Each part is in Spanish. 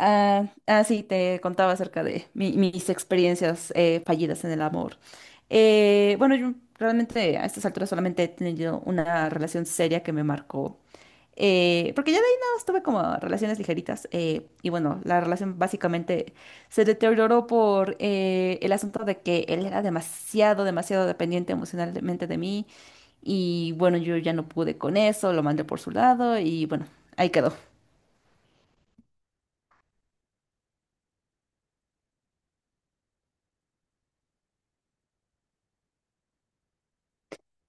Ah, ah, sí, te contaba acerca de mis experiencias fallidas en el amor. Bueno, yo realmente a estas alturas solamente he tenido una relación seria que me marcó. Porque ya de ahí nada más tuve como relaciones ligeritas. Y bueno, la relación básicamente se deterioró por el asunto de que él era demasiado dependiente emocionalmente de mí. Y bueno, yo ya no pude con eso, lo mandé por su lado y bueno, ahí quedó.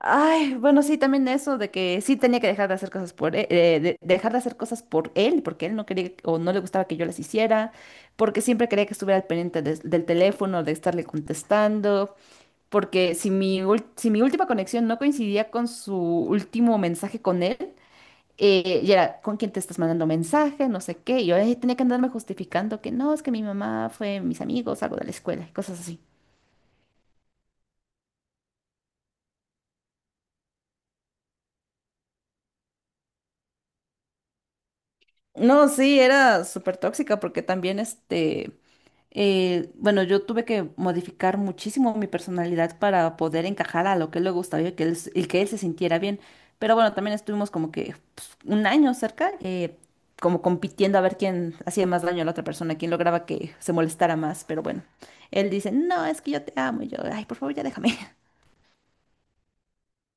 Ay, bueno, sí, también eso de que sí tenía que dejar de hacer cosas por él, dejar de hacer cosas por él, porque él no quería o no le gustaba que yo las hiciera, porque siempre quería que estuviera al pendiente del teléfono, de estarle contestando, porque si mi última conexión no coincidía con su último mensaje con él, y era, ¿con quién te estás mandando mensaje? No sé qué, y yo tenía que andarme justificando que no, es que mi mamá fue mis amigos, algo de la escuela, y cosas así. No, sí, era súper tóxica porque también este... Bueno, yo tuve que modificar muchísimo mi personalidad para poder encajar a lo que él le gustaba y que y que él se sintiera bien. Pero bueno, también estuvimos como que pues, un año cerca, como compitiendo a ver quién hacía más daño a la otra persona, quién lograba que se molestara más. Pero bueno, él dice, no, es que yo te amo. Y yo, ay, por favor, ya déjame.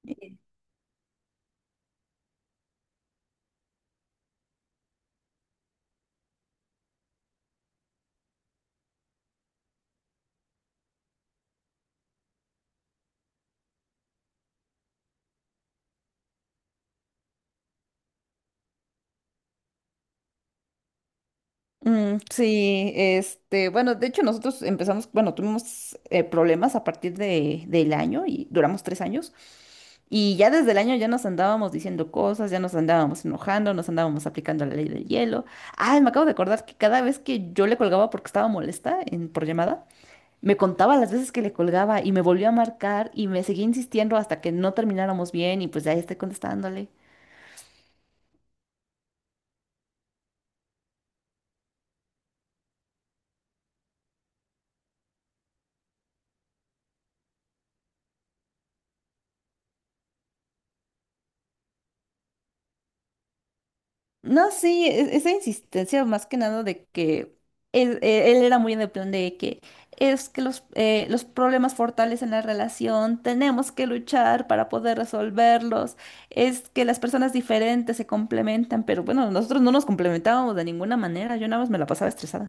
Mm, sí, este, bueno, de hecho nosotros empezamos, bueno, tuvimos problemas a partir del año y duramos 3 años. Y ya desde el año ya nos andábamos diciendo cosas, ya nos andábamos enojando, nos andábamos aplicando la ley del hielo. Ay, me acabo de acordar que cada vez que yo le colgaba porque estaba molesta en, por llamada, me contaba las veces que le colgaba y me volvió a marcar y me seguía insistiendo hasta que no termináramos bien y pues ya estoy contestándole. No, sí, esa insistencia más que nada de que él era muy en el plan de que es que los problemas fortales en la relación, tenemos que luchar para poder resolverlos, es que las personas diferentes se complementan, pero bueno, nosotros no nos complementábamos de ninguna manera, yo nada más me la pasaba estresada.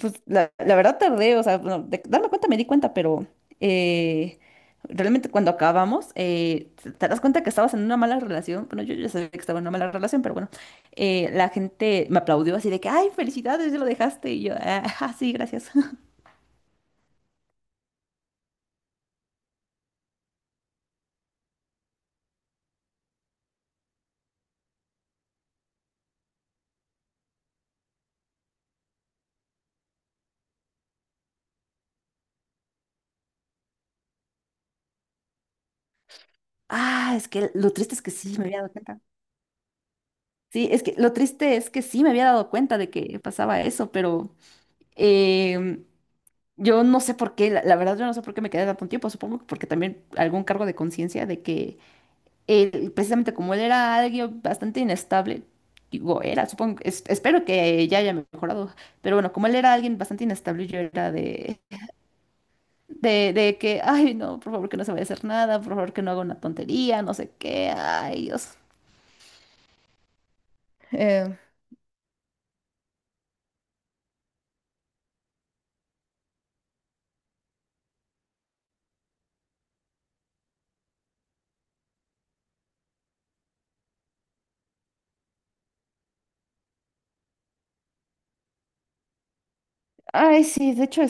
Pues la verdad tardé, o sea, bueno, de darme cuenta me di cuenta, pero eh, realmente cuando acabamos, te das cuenta que estabas en una mala relación. Bueno, yo ya sabía que estaba en una mala relación, pero bueno, la gente me aplaudió así de que, ay, felicidades, ya lo dejaste. Y yo, ah, ajá, sí, gracias. Ah, es que lo triste es que sí, me había dado cuenta. Sí, es que lo triste es que sí, me había dado cuenta de que pasaba eso, pero em, yo no sé por qué, la verdad yo no sé por qué me quedé tanto tiempo, supongo que porque también algún cargo de conciencia de que él, precisamente como él era alguien bastante inestable, digo, era, supongo, espero que ya haya mejorado, pero bueno, como él era alguien bastante inestable, yo era de que, ay, no, por favor que no se vaya a hacer nada, por favor que no haga una tontería, no sé qué, ay, Dios. Eh, Ay, sí, de hecho,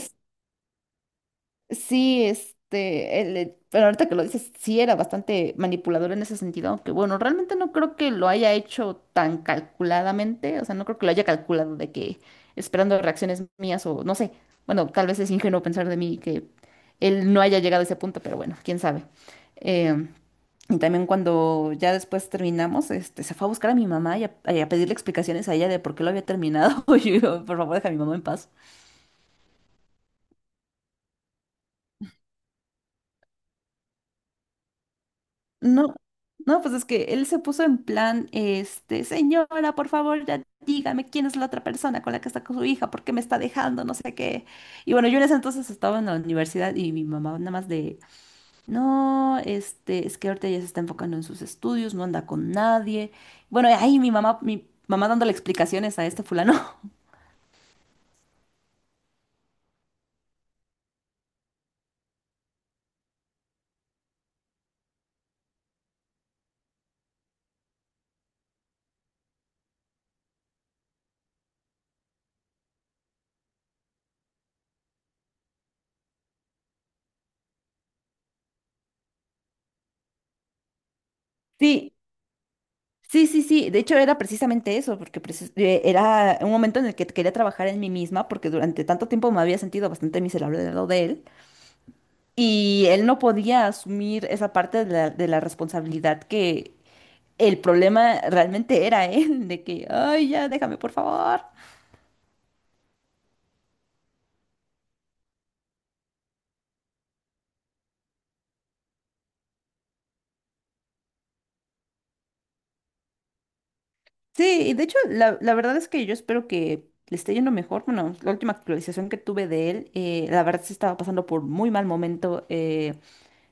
sí, este, pero ahorita que lo dices, sí era bastante manipulador en ese sentido, aunque bueno, realmente no creo que lo haya hecho tan calculadamente, o sea, no creo que lo haya calculado de que esperando reacciones mías o no sé, bueno, tal vez es ingenuo pensar de mí que él no haya llegado a ese punto, pero bueno, quién sabe. Eh, y también cuando ya después terminamos, este, se fue a buscar a mi mamá y a pedirle explicaciones a ella de por qué lo había terminado, y yo, por favor, deja a mi mamá en paz. No, no, pues es que él se puso en plan, este, señora, por favor, ya dígame quién es la otra persona con la que está con su hija, por qué me está dejando, no sé qué. Y bueno, yo en ese entonces estaba en la universidad y mi mamá nada más de, no, este, es que ahorita ya se está enfocando en sus estudios, no anda con nadie. Bueno, ahí mi mamá dándole explicaciones a este fulano. Sí, sí, sí, sí. De hecho, era precisamente eso, porque era un momento en el que quería trabajar en mí misma, porque durante tanto tiempo me había sentido bastante miserable del lado de él. Y él no podía asumir esa parte de de la responsabilidad que el problema realmente era él, de que, ay, ya, déjame, por favor. Sí, y de hecho, la verdad es que yo espero que le esté yendo mejor. Bueno, la última actualización que tuve de él, la verdad se estaba pasando por muy mal momento.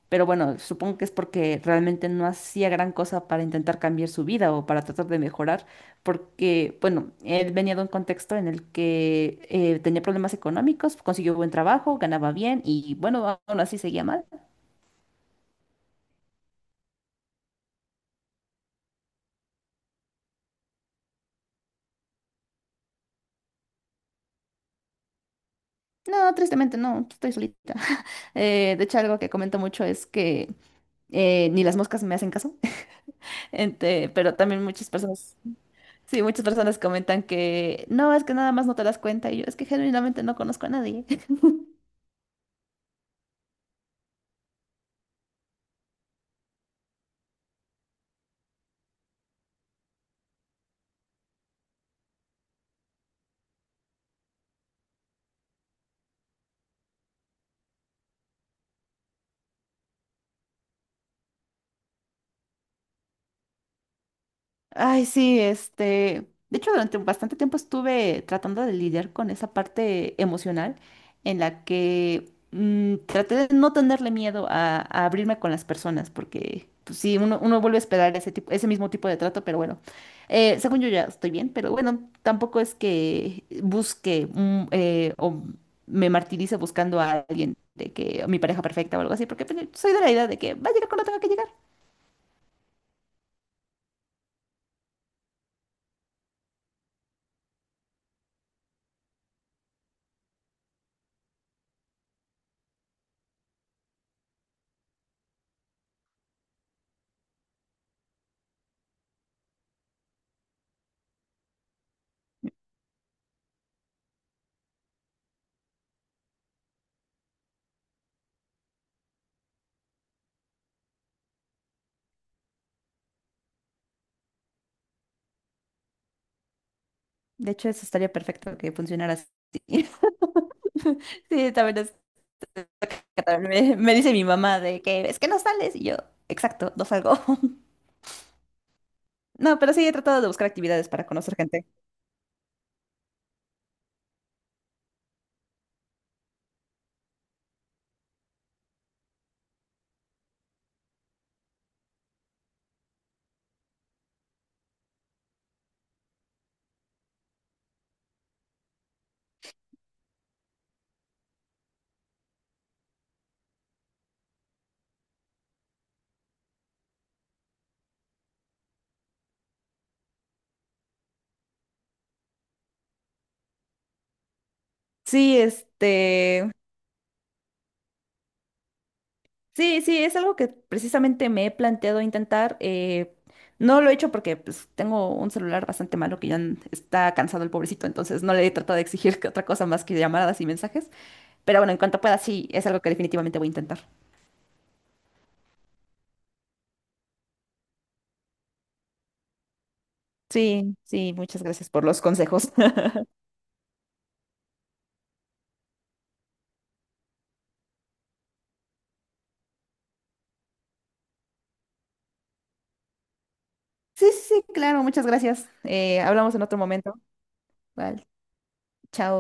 Pero bueno, supongo que es porque realmente no hacía gran cosa para intentar cambiar su vida o para tratar de mejorar, porque, bueno, él venía de un contexto en el que tenía problemas económicos, consiguió buen trabajo, ganaba bien y, bueno, aún así seguía mal. No, tristemente no, estoy solita. De hecho, algo que comento mucho es que ni las moscas me hacen caso, pero también muchas personas, sí, muchas personas comentan que no, es que nada más no te das cuenta y yo es que genuinamente no conozco a nadie. Ay, sí, este, de hecho durante bastante tiempo estuve tratando de lidiar con esa parte emocional en la que traté de no tenerle miedo a abrirme con las personas, porque pues, sí, uno vuelve a esperar ese mismo tipo de trato, pero bueno, según yo ya estoy bien, pero bueno, tampoco es que busque o me martirice buscando a alguien de que mi pareja perfecta o algo así, porque pues, soy de la idea de que va a llegar cuando tenga que llegar. De hecho, eso estaría perfecto que funcionara así. Sí, también es catalán. Me dice mi mamá de que es que no sales y yo, exacto, no salgo. No, pero sí he tratado de buscar actividades para conocer gente. Sí, este, sí, sí, es algo que precisamente me he planteado intentar. No lo he hecho porque pues, tengo un celular bastante malo que ya está cansado el pobrecito, entonces no le he tratado de exigir que otra cosa más que llamadas y mensajes. Pero bueno, en cuanto pueda, sí, es algo que definitivamente voy a intentar. Sí, sí, muchas gracias por los consejos. Sí, sí, sí, claro, muchas gracias. Hablamos en otro momento. Vale, chao.